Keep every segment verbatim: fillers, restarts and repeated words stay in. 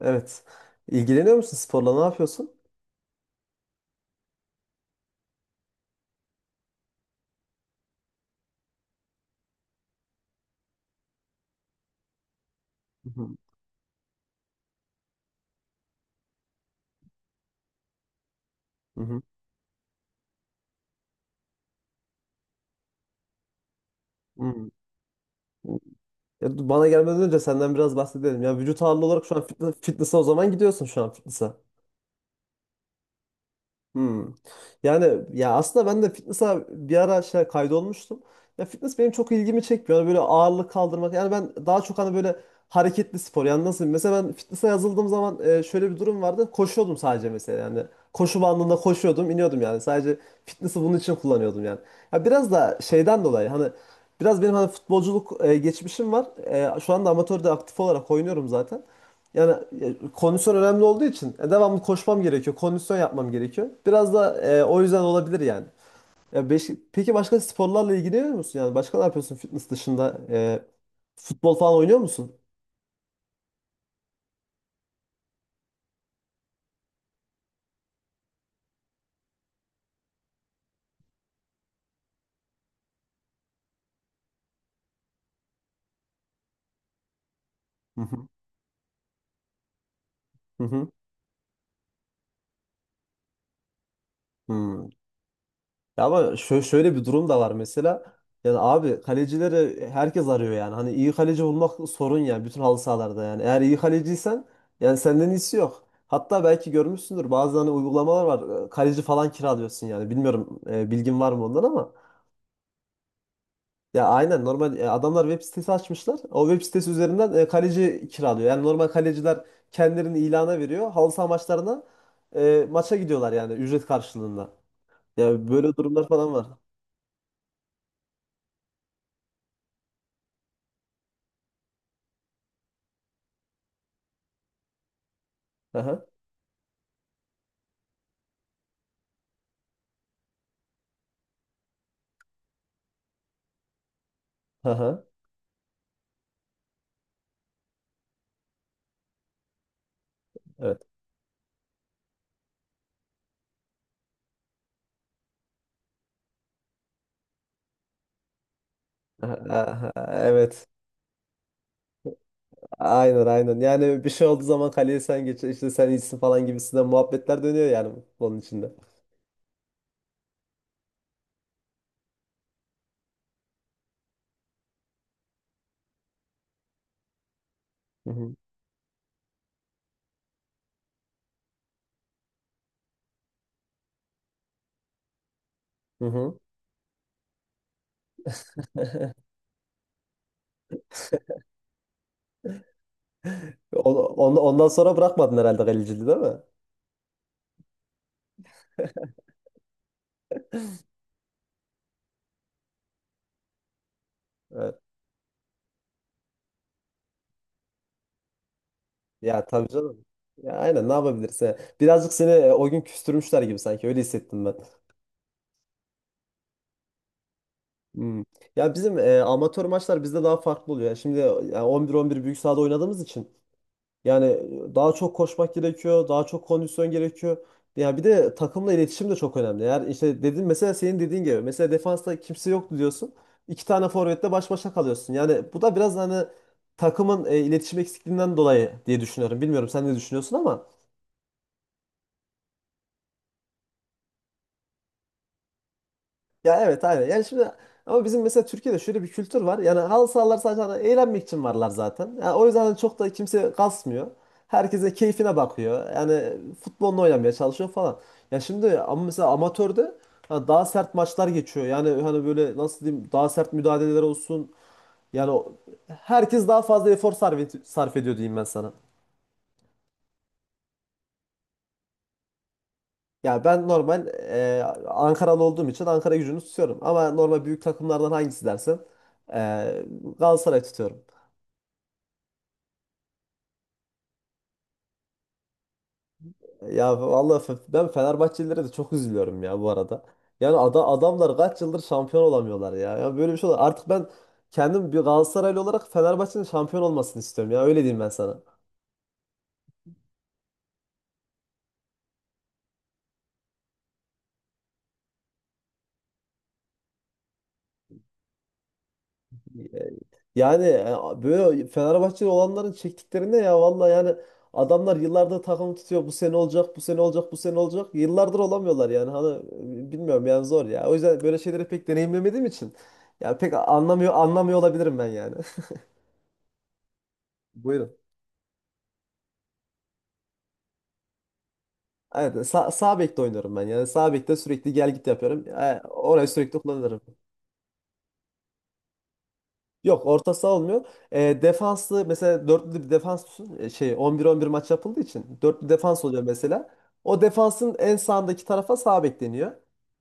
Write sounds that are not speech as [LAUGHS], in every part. Evet. İlgileniyor musun sporla? Ne yapıyorsun? Hı hı. Hı hı. Hı. Ya, bana gelmeden önce senden biraz bahsedelim. Ya vücut ağırlığı olarak şu an fitness, fitness'a o zaman gidiyorsun şu an fitness'a. Hmm. Yani ya aslında ben de fitness'a bir ara şey kaydolmuştum. Ya fitness benim çok ilgimi çekmiyor. Yani böyle ağırlık kaldırmak. Yani ben daha çok hani böyle hareketli spor. Yani nasıl mesela ben fitness'a yazıldığım zaman e, şöyle bir durum vardı. Koşuyordum sadece mesela yani. Koşu bandında koşuyordum, iniyordum yani. Sadece fitness'ı bunun için kullanıyordum yani. Ya biraz da şeyden dolayı hani biraz benim hani futbolculuk e, geçmişim var. E, şu anda amatörde aktif olarak oynuyorum zaten. Yani e, kondisyon önemli olduğu için e, devamlı koşmam gerekiyor. Kondisyon yapmam gerekiyor. Biraz da e, o yüzden olabilir yani. Ya beş- peki başka sporlarla ilgileniyor musun? Yani başka ne yapıyorsun fitness dışında? E, futbol falan oynuyor musun? Hı hı. Hı hı. Hı. Ya ama şö- şöyle bir durum da var mesela. Yani abi kalecileri herkes arıyor yani. Hani iyi kaleci bulmak sorun ya bütün halı sahalarda yani. Eğer iyi kaleciysen yani senden iyisi yok. Hatta belki görmüşsündür bazı hani uygulamalar var. e, Kaleci falan kiralıyorsun yani. Bilmiyorum e, bilgin var mı ondan ama. Ya aynen normal e, adamlar web sitesi açmışlar. O web sitesi üzerinden e, kaleci kiralıyor. Yani normal kaleciler kendilerini ilana veriyor. Halı saha maçlarına e, maça gidiyorlar yani ücret karşılığında. Ya böyle durumlar falan var. Aha. Aha. Evet. Aha, evet. Aynen aynen. Yani bir şey olduğu zaman kaleye sen geç. İşte sen iyisin falan gibisinden muhabbetler dönüyor yani bunun içinde. Hı hı. Hı hı. On- on- ondan sonra bırakmadın herhalde kaleciliği değil mi? Evet. Ya tabii canım. Ya aynen ne yapabilirsin? Birazcık seni e, o gün küstürmüşler gibi sanki öyle hissettim ben. Hmm. Ya bizim e, amatör maçlar bizde daha farklı oluyor. Yani şimdi e, on bir on bir büyük sahada oynadığımız için yani daha çok koşmak gerekiyor, daha çok kondisyon gerekiyor. Ya bir de takımla iletişim de çok önemli. Eğer işte dedin mesela senin dediğin gibi mesela defansta kimse yoktu diyorsun. İki tane forvetle baş başa kalıyorsun. Yani bu da biraz hani takımın e, iletişim eksikliğinden dolayı diye düşünüyorum. Bilmiyorum sen ne düşünüyorsun ama ya evet aynen. Yani şimdi ama bizim mesela Türkiye'de şöyle bir kültür var. Yani halı sahalar sadece hani eğlenmek için varlar zaten. Yani o yüzden hani çok da kimse kasmıyor. Herkese keyfine bakıyor. Yani futbolunu oynamaya çalışıyor falan. Ya şimdi ama mesela amatörde hani daha sert maçlar geçiyor. Yani hani böyle nasıl diyeyim daha sert müdahaleler olsun. Yani o- Herkes daha fazla efor sarf, sarf ediyor diyeyim ben sana. Ya ben normal e, Ankaralı olduğum için Ankara gücünü tutuyorum. Ama normal büyük takımlardan hangisi dersen e, Galatasaray tutuyorum. Ya vallahi fe- ben Fenerbahçelilere de çok üzülüyorum ya bu arada. Yani ada, adamlar kaç yıldır şampiyon olamıyorlar ya. Ya böyle bir şey olur. Artık ben kendim bir Galatasaraylı olarak Fenerbahçe'nin şampiyon olmasını istiyorum ya. Öyle diyeyim ben sana. Yani e, böyle Fenerbahçeli olanların çektiklerinde ya vallahi yani adamlar yıllardır takım tutuyor. Bu sene olacak, bu sene olacak, bu sene olacak. Yıllardır olamıyorlar yani. Hani e, bilmiyorum yani zor ya. O yüzden böyle şeyleri pek deneyimlemediğim için ya pek anlamıyor anlamıyor olabilirim ben yani. [LAUGHS] Buyurun. Evet, sağ, sağ bekte oynuyorum ben. Yani sağ bekte sürekli gel git yapıyorum. E, orayı sürekli kullanırım. Yok orta saha olmuyor. E, defanslı mesela dörtlü bir defans tutun. E, şey on bir on bir maç yapıldığı için dörtlü defans oluyor mesela. O defansın en sağındaki tarafa sağ bek deniyor.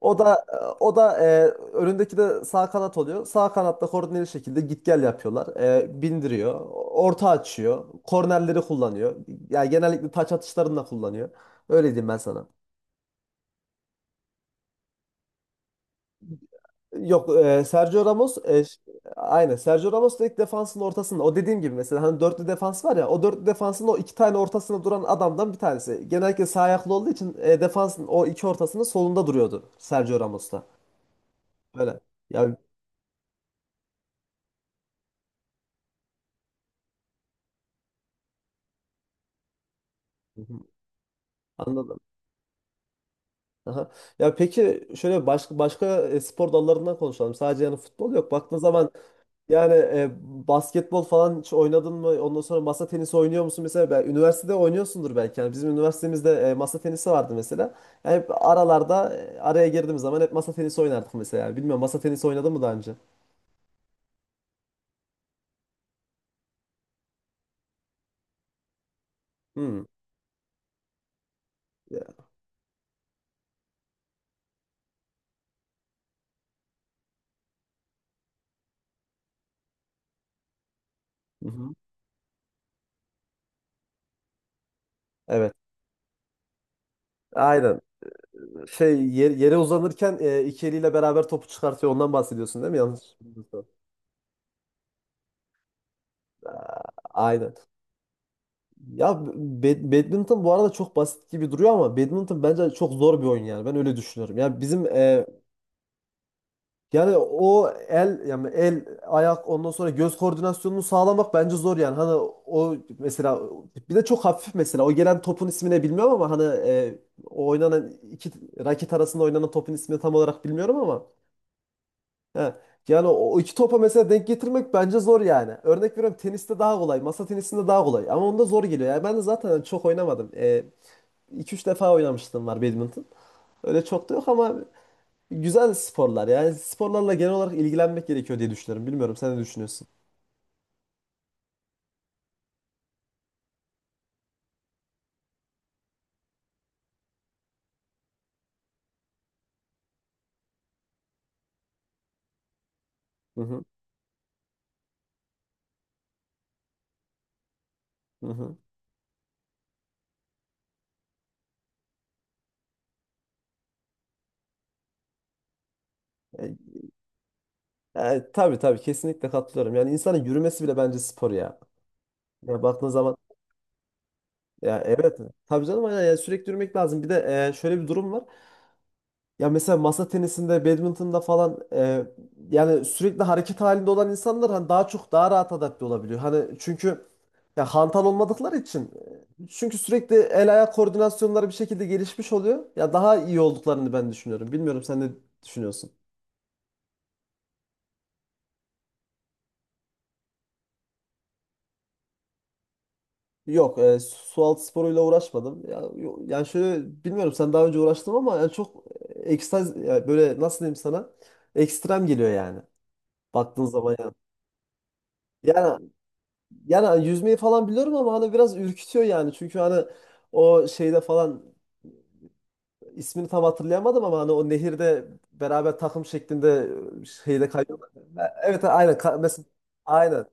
O da o da e, önündeki de sağ kanat oluyor. Sağ kanatta koordineli şekilde git gel yapıyorlar. E, bindiriyor. Orta açıyor. Kornerleri kullanıyor. Yani genellikle taç atışlarını da kullanıyor. Öyle diyeyim ben sana. Yok e, Sergio Ramos e, ş- aynen Sergio Ramos da ilk defansın ortasında o dediğim gibi mesela hani dörtlü defans var ya o dörtlü defansın o iki tane ortasında duran adamdan bir tanesi. Genellikle sağ ayaklı olduğu için e, defansın o iki ortasının solunda duruyordu Sergio Ramos da. Böyle. Ya hı hı, anladım. Aha. Ya peki şöyle başka başka e, spor dallarından konuşalım. Sadece yani futbol yok. Baktığın zaman yani e, basketbol falan hiç oynadın mı? Ondan sonra masa tenisi oynuyor musun? Mesela ben, üniversitede oynuyorsundur belki. Yani bizim üniversitemizde e, masa tenisi vardı mesela. Yani hep aralarda e, araya girdiğimiz zaman hep masa tenisi oynardık mesela. Yani bilmiyorum masa tenisi oynadın mı daha önce? Hmm. Ya. Hı-hı. Evet. Aynen. Şey yer- yere uzanırken e, iki eliyle beraber topu çıkartıyor. Ondan bahsediyorsun değil mi? Yanlış bilmiyorsam. Aynen. Ya bad- Badminton bu arada çok basit gibi duruyor ama badminton bence çok zor bir oyun yani. Ben öyle düşünüyorum. Ya bizim e, yani o el yani el ayak ondan sonra göz koordinasyonunu sağlamak bence zor yani hani o mesela bir de çok hafif mesela o gelen topun ismini bilmiyorum ama hani e, o oynanan iki raket arasında oynanan topun ismini tam olarak bilmiyorum ama he. Yani o iki topa mesela denk getirmek bence zor yani. Örnek veriyorum teniste daha kolay, masa tenisinde daha kolay ama onda zor geliyor. Yani ben de zaten çok oynamadım. E, iki üç defa oynamıştım var badminton. Öyle çok da yok ama güzel sporlar yani sporlarla genel olarak ilgilenmek gerekiyor diye düşünüyorum. Bilmiyorum sen ne düşünüyorsun? Hı hı. Hı hı. E, e, tabii tabii kesinlikle katılıyorum. Yani insanın yürümesi bile bence spor ya. Ya baktığın zaman ya evet tabii canım aynen yani sürekli yürümek lazım. Bir de e, şöyle bir durum var. Ya mesela masa tenisinde, badminton'da falan e, yani sürekli hareket halinde olan insanlar hani daha çok daha rahat adapte olabiliyor. Hani çünkü ya hantal olmadıkları için e, çünkü sürekli el ayak koordinasyonları bir şekilde gelişmiş oluyor. Ya daha iyi olduklarını ben düşünüyorum. Bilmiyorum sen ne düşünüyorsun? Yok, e, su altı sporuyla uğraşmadım. Ya yo- yani şöyle bilmiyorum sen daha önce uğraştın ama yani çok ekstaz ya böyle nasıl diyeyim sana? Ekstrem geliyor yani. Baktığın zaman yani. Yani yani hani yüzmeyi falan biliyorum ama hani biraz ürkütüyor yani. Çünkü hani o şeyde falan ismini tam hatırlayamadım ama hani o nehirde beraber takım şeklinde şeyde kayıyorlar. Evet aynen Ka- mesela aynen.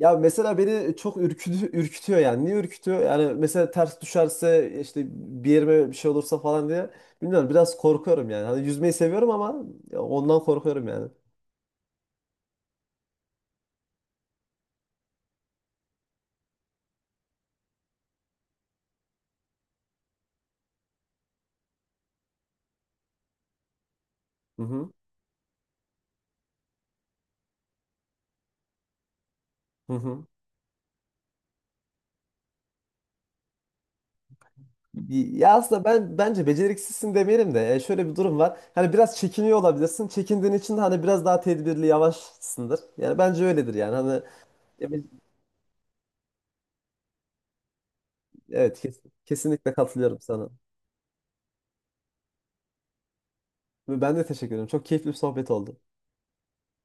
Ya mesela beni çok ürkütü, ürkütüyor yani. Niye ürkütüyor? Yani mesela ters düşerse işte bir yerime bir şey olursa falan diye. Bilmiyorum biraz korkuyorum yani. Hani yüzmeyi seviyorum ama ya ondan korkuyorum yani. Hı hı. Hı hı. Ya aslında ben bence beceriksizsin demeyelim de e, şöyle bir durum var. Hani biraz çekiniyor olabilirsin. Çekindiğin için de hani biraz daha tedbirli, yavaşsındır. Yani bence öyledir yani. Hani evet kes- kesinlikle katılıyorum sana. Ve ben de teşekkür ederim. Çok keyifli bir sohbet oldu.